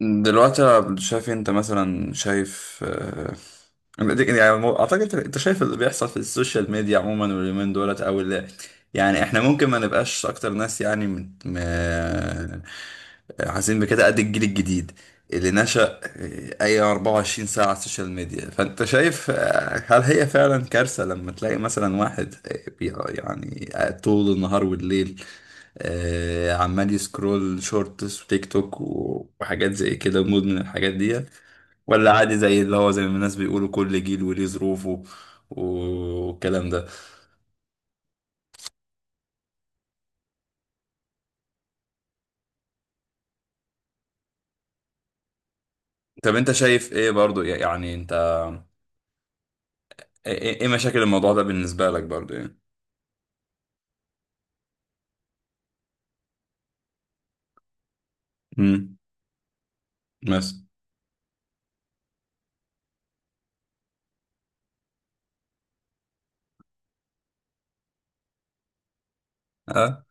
دلوقتي أنا شايف انت مثلا شايف اعتقد انت شايف اللي بيحصل في السوشيال ميديا عموما واليومين دولت او اللي يعني احنا ممكن ما نبقاش اكتر ناس حاسين بكده قد الجيل الجديد اللي نشأ اي 24 ساعة على السوشيال ميديا. فانت شايف هل هي فعلا كارثة لما تلاقي مثلا واحد قاعد طول النهار والليل، عمال يسكرول شورتس وتيك توك و- وحاجات زي كده مدمن الحاجات دي، ولا عادي زي اللي هو زي ما الناس بيقولوا كل جيل وليه ظروفه والكلام ده؟ طب انت شايف ايه برضو يعني انت، ايه مشاكل الموضوع ده بالنسبة لك برضو يعني؟ امم. مثلا. اه.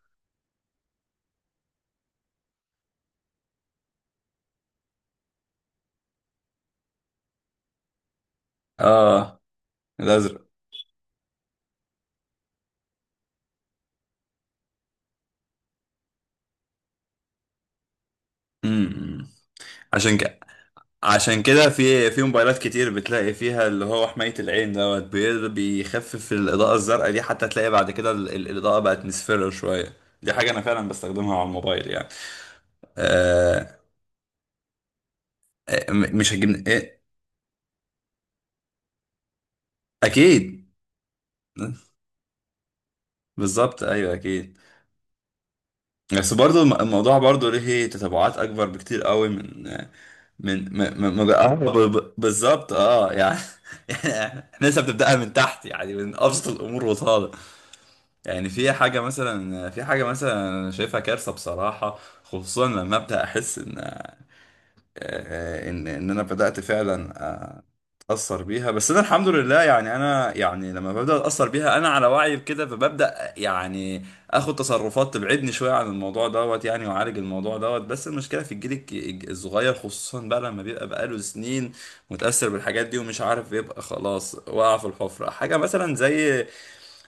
اه. الازرق. امم. عشان كده، في في موبايلات كتير بتلاقي فيها اللي هو حماية العين دوت، بيخفف الإضاءة الزرقاء دي، حتى تلاقي بعد كده الإضاءة بقت مصفرة شوية. دي حاجة أنا فعلا بستخدمها على الموبايل يعني. آه. مش هجيب إيه؟ أكيد. بالظبط، أيوه أكيد. بس برضو الموضوع برضو ليه تتبعات أكبر بكتير قوي من من ما ما- ما بقى بالظبط يعني. إحنا لسه بنبدأها من تحت يعني من أبسط الأمور وطالع. يعني في حاجة مثلا، أنا شايفها كارثة بصراحة، خصوصا لما أبدأ أحس إن إن أنا بدأت فعلا أتأثر بيها. بس أنا الحمد لله يعني أنا يعني لما ببدأ أتأثر بيها أنا على وعي بكده، فببدأ يعني آخد تصرفات تبعدني شوية عن الموضوع دوت يعني، وأعالج الموضوع دوت. بس المشكلة في الجيل الصغير خصوصا بقى لما بيبقى بقاله سنين متأثر بالحاجات دي ومش عارف يبقى، خلاص وقع في الحفرة. حاجة مثلا زي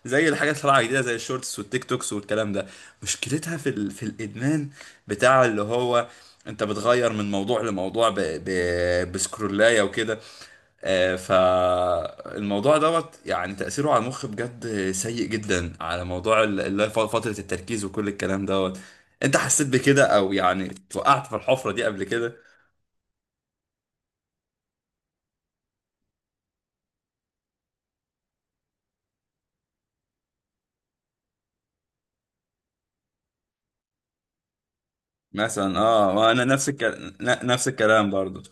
زي الحاجات اللي طالعه جديده زي الشورتس والتيك توكس والكلام ده، مشكلتها في الادمان بتاع اللي هو، انت بتغير من موضوع لموضوع بسكرولايه وكده. فالموضوع دوت يعني تأثيره على المخ بجد سيء جدا، على موضوع اللي هي فترة التركيز وكل الكلام دوت. انت حسيت بكده او يعني وقعت في الحفرة دي قبل كده؟ مثلا، اه. وانا نفس الكلام، نفس الكلام برضو.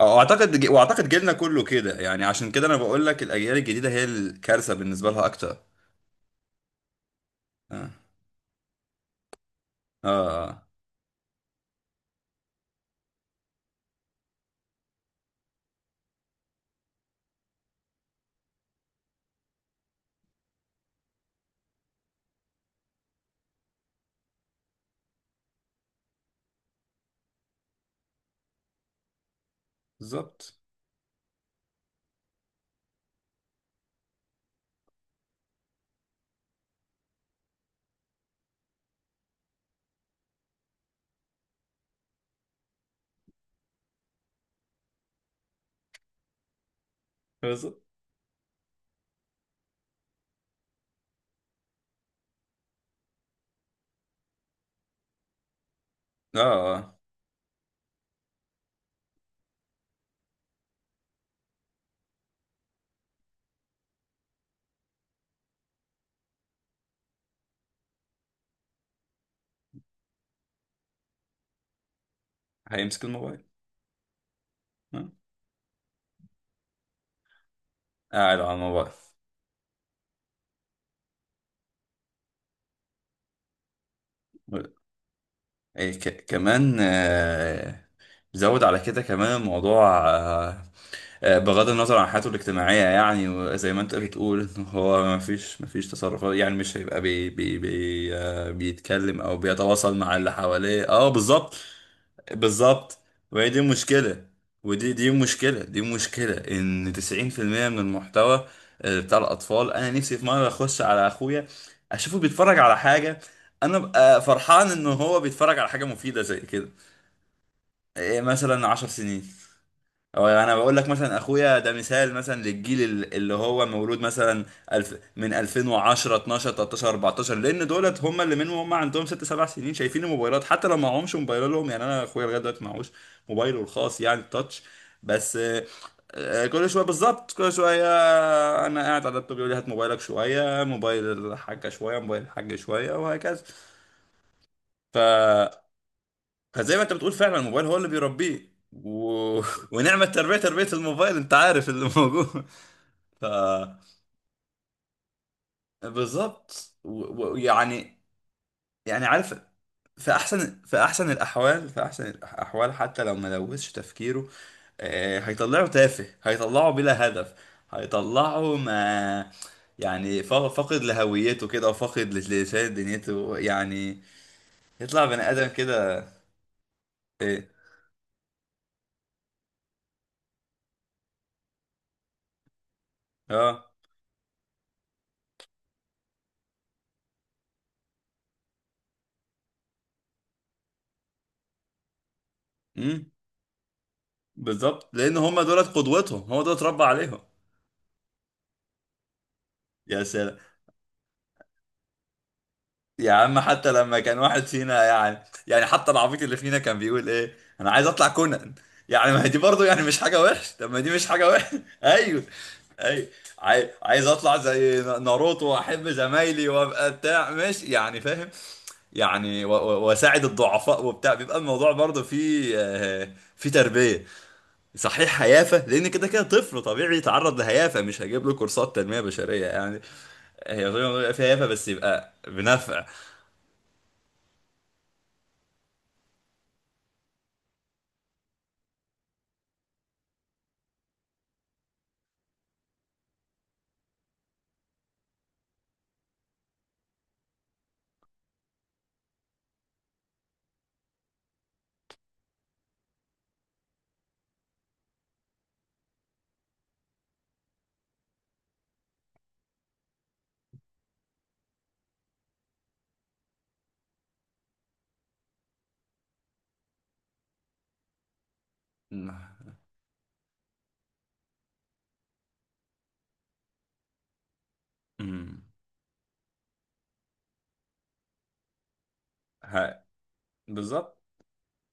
اعتقد، واعتقد جيلنا كله كده يعني، عشان كده انا بقول لك الاجيال الجديده هي الكارثه بالنسبه لها اكتر. اه. اه. بالظبط. بالظبط. اه. آه. هيمسك الموبايل. آه. قاعد على الموبايل. إيه كمان؟ زود على كده كمان الموضوع بغض النظر عن حياته الاجتماعية يعني، وزي ما انت بتقول ان هو ما فيش، تصرفات يعني، مش هيبقى بي بي بي آه، بيتكلم او بيتواصل مع اللي حواليه. اه، بالظبط. بالظبط. وهي دي المشكلة. ودي دي مشكلة دي مشكلة ان 90% من المحتوى بتاع الاطفال. انا نفسي في مرة اخش على اخويا اشوفه بيتفرج على حاجة، انا ببقى فرحان ان هو بيتفرج على حاجه مفيده زي كده. إيه مثلا، 10 سنين. او انا بقول لك، مثلا اخويا ده مثال مثلا للجيل اللي هو مولود مثلا الف من 2010، 12، 13، 14، لان دولت هم اللي منهم هم عندهم 6، 7 سنين شايفين الموبايلات. حتى لو معهمش موبايلهم يعني، انا اخويا لغايه دلوقتي معهوش موبايله الخاص يعني التاتش، بس كل شويه بالظبط، كل شويه انا قاعد على اللابتوب يقول لي هات موبايلك شويه، موبايل الحاجه شويه، موبايل الحاج شويه، وهكذا. ف، فزي ما انت بتقول فعلا الموبايل هو اللي بيربيه و... ونعمة تربية، تربية الموبايل، انت عارف اللي موجود. ف بالظبط. و- ويعني يعني عارف، في احسن، الاحوال في احسن الاحوال حتى لو ما لوثش تفكيره هيطلعه تافه، هيطلعه بلا هدف، هيطلعه ما يعني فا- فاقد لهويته كده، وفاقد لشيء دنيته يعني، يطلع بني ادم كده. ايه. اه، بالظبط، لان هم دولت قدوتهم، هو دول اتربى عليهم. يا سلام. يا عم حتى لما كان واحد فينا يعني يعني حتى العبيط اللي فينا كان بيقول ايه؟ انا عايز اطلع كونان يعني. ما هي دي برضه يعني مش حاجه وحش، طب ما دي مش حاجه وحش. ايوه. ايوه. عايز اطلع زي ناروتو، واحب زمايلي، وابقى بتاع مش يعني فاهم يعني واساعد الضعفاء وبتاع، بيبقى الموضوع برضه فيه فيه تربيه صحيح، هيافة، لأن كده كده طفل طبيعي يتعرض لهيافة، مش هجيب له كورسات تنمية بشرية يعني. هي طبعاً بيبقى فيها هيافة بس يبقى بنفع. مم. ها. بالظبط.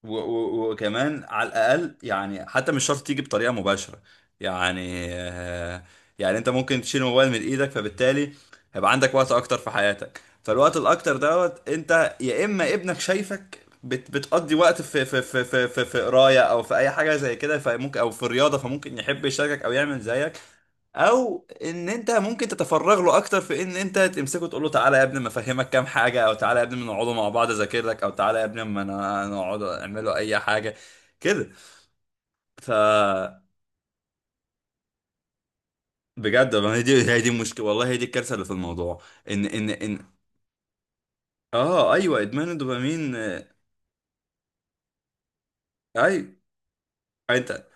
وكمان على الاقل يعني، حتى مش شرط تيجي بطريقه مباشره. يعني يعني انت ممكن تشيل الموبايل من ايدك، فبالتالي هيبقى عندك وقت اكتر في حياتك. فالوقت الاكتر دوت، انت يا اما ابنك شايفك بتقضي وقت في قرايه او في اي حاجه زي كده، فممكن، او في الرياضه فممكن يحب يشاركك او يعمل زيك. او ان انت ممكن تتفرغ له اكتر في ان انت تمسكه تقول له تعالى يا ابني ما افهمك كام حاجه، او تعالى يا ابني ما نقعدوا مع بعض اذاكر لك، او تعالى يا ابني ما انا نقعد اعملوا اي حاجه كده. ف بجد، ما هي دي، هي دي المشكله والله، هي دي الكارثه اللي في الموضوع. ان اه، ايوه، ادمان الدوبامين. ايوه. انت،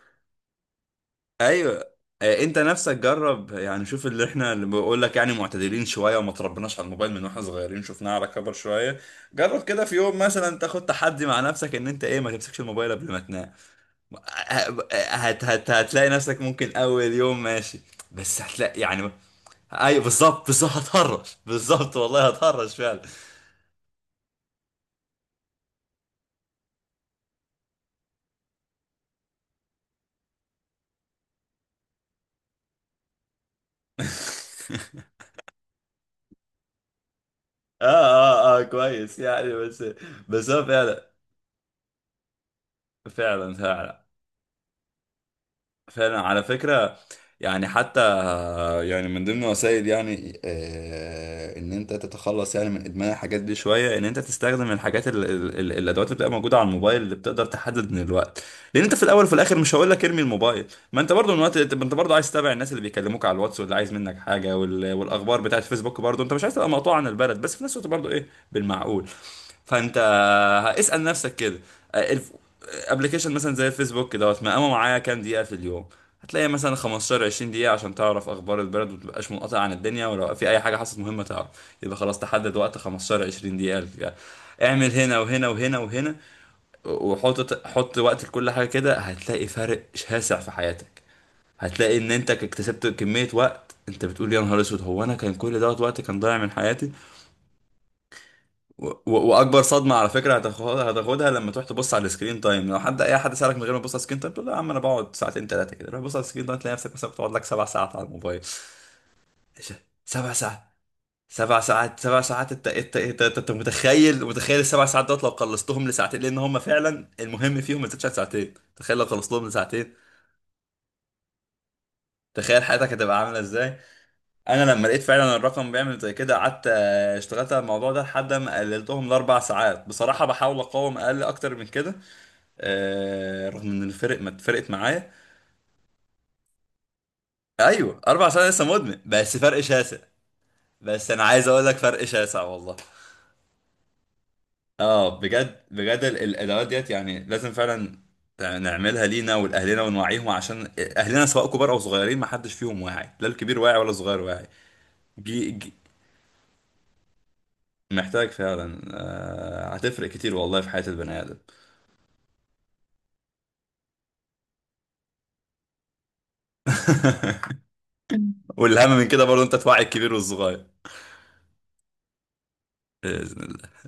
ايوه انت نفسك جرب يعني، شوف اللي احنا، اللي بقول لك يعني، معتدلين شويه وما تربناش على الموبايل من واحنا صغيرين، شفناه على كبر شويه. جرب كده في يوم مثلا، تاخد تحدي مع نفسك ان انت ايه، ما تمسكش الموبايل قبل ما تنام. هتلاقي نفسك ممكن اول يوم ماشي، بس هتلاقي يعني. ايوه بالظبط، بالظبط هتهرش، بالظبط والله هتهرش فعلا. اه اه اه كويس يعني، بس، بس هو فعلا. فعلا، على فكرة، يعني حتى فيعني من ضمن وسائل يعني ان انت تتخلص يعني من ادمان الحاجات دي شويه، ان انت تستخدم الحاجات ال ال ال الادوات اللي بتبقى موجوده على الموبايل اللي بتقدر تحدد من الوقت. لان انت في الاول وفي الاخر مش هقول لك ارمي الموبايل، ما انت برضو من وقت انت، انت برضو عايز تتابع الناس اللي بيكلموك على الواتس، واللي عايز منك حاجه، وال، والاخبار بتاعت فيسبوك، برضو انت مش عايز تبقى مقطوع عن البلد. بس في نفس الوقت برضو ايه، بالمعقول. فانت اسال نفسك كده، ابلكيشن مثلا زي الفيسبوك دوت مقامه معايا كام دقيقه في اليوم. هتلاقي مثلا 15، 20 دقيقة عشان تعرف أخبار البلد ومتبقاش منقطع عن الدنيا، ولو في أي حاجة حصلت مهمة تعرف. يبقى خلاص تحدد وقت 15، 20 دقيقة للفئة. اعمل هنا وهنا وهنا وهنا، وحط وقت لكل حاجة، كده هتلاقي فرق شاسع في حياتك. هتلاقي إن أنت اكتسبت كمية وقت أنت بتقول يا نهار أسود، هو أنا كان كل دوت وقت كان ضايع من حياتي؟ واكبر صدمه على فكره هتاخدها، هتاخدها لما تروح تبص على السكرين تايم. لو حد، اي حد سالك من غير ما تبص على السكرين تايم تقول له يا عم انا بقعد ساعتين ثلاثه كده، روح بص على السكرين تايم تلاقي نفسك مثلا بتقعد لك سبع ساعات على الموبايل. إيه ده؟ سبع ساعات. سبع ساعات انت انت انت انت أنت متخيل، متخيل السبع ساعات دوت لو قلصتهم لساعتين، لان هم فعلا المهم فيهم ما تزيدش عن ساعتين. تخيل لو خلصتهم لساعتين، تخيل حياتك هتبقى عامله ازاي. انا لما لقيت فعلا الرقم بيعمل زي كده قعدت اشتغلت على الموضوع ده لحد ما قللتهم لاربع ساعات. بصراحه بحاول اقاوم اقل اكتر من كده، رغم ان الفرق ما اتفرقت معايا. ايوه، اربع سنين لسه مدمن، بس فرق شاسع. بس انا عايز اقول لك فرق شاسع والله. اه بجد، بجد الادوات ديت يعني لازم فعلا نعملها لينا ولاهلنا ونوعيهم، عشان اهلنا سواء كبار او صغيرين ما حدش فيهم واعي، لا الكبير واعي ولا الصغير واعي. جي جي محتاج فعلا. آه، هتفرق كتير والله في حياة البني ادم. والاهم من كده برضه، انت توعي الكبير والصغير. باذن الله.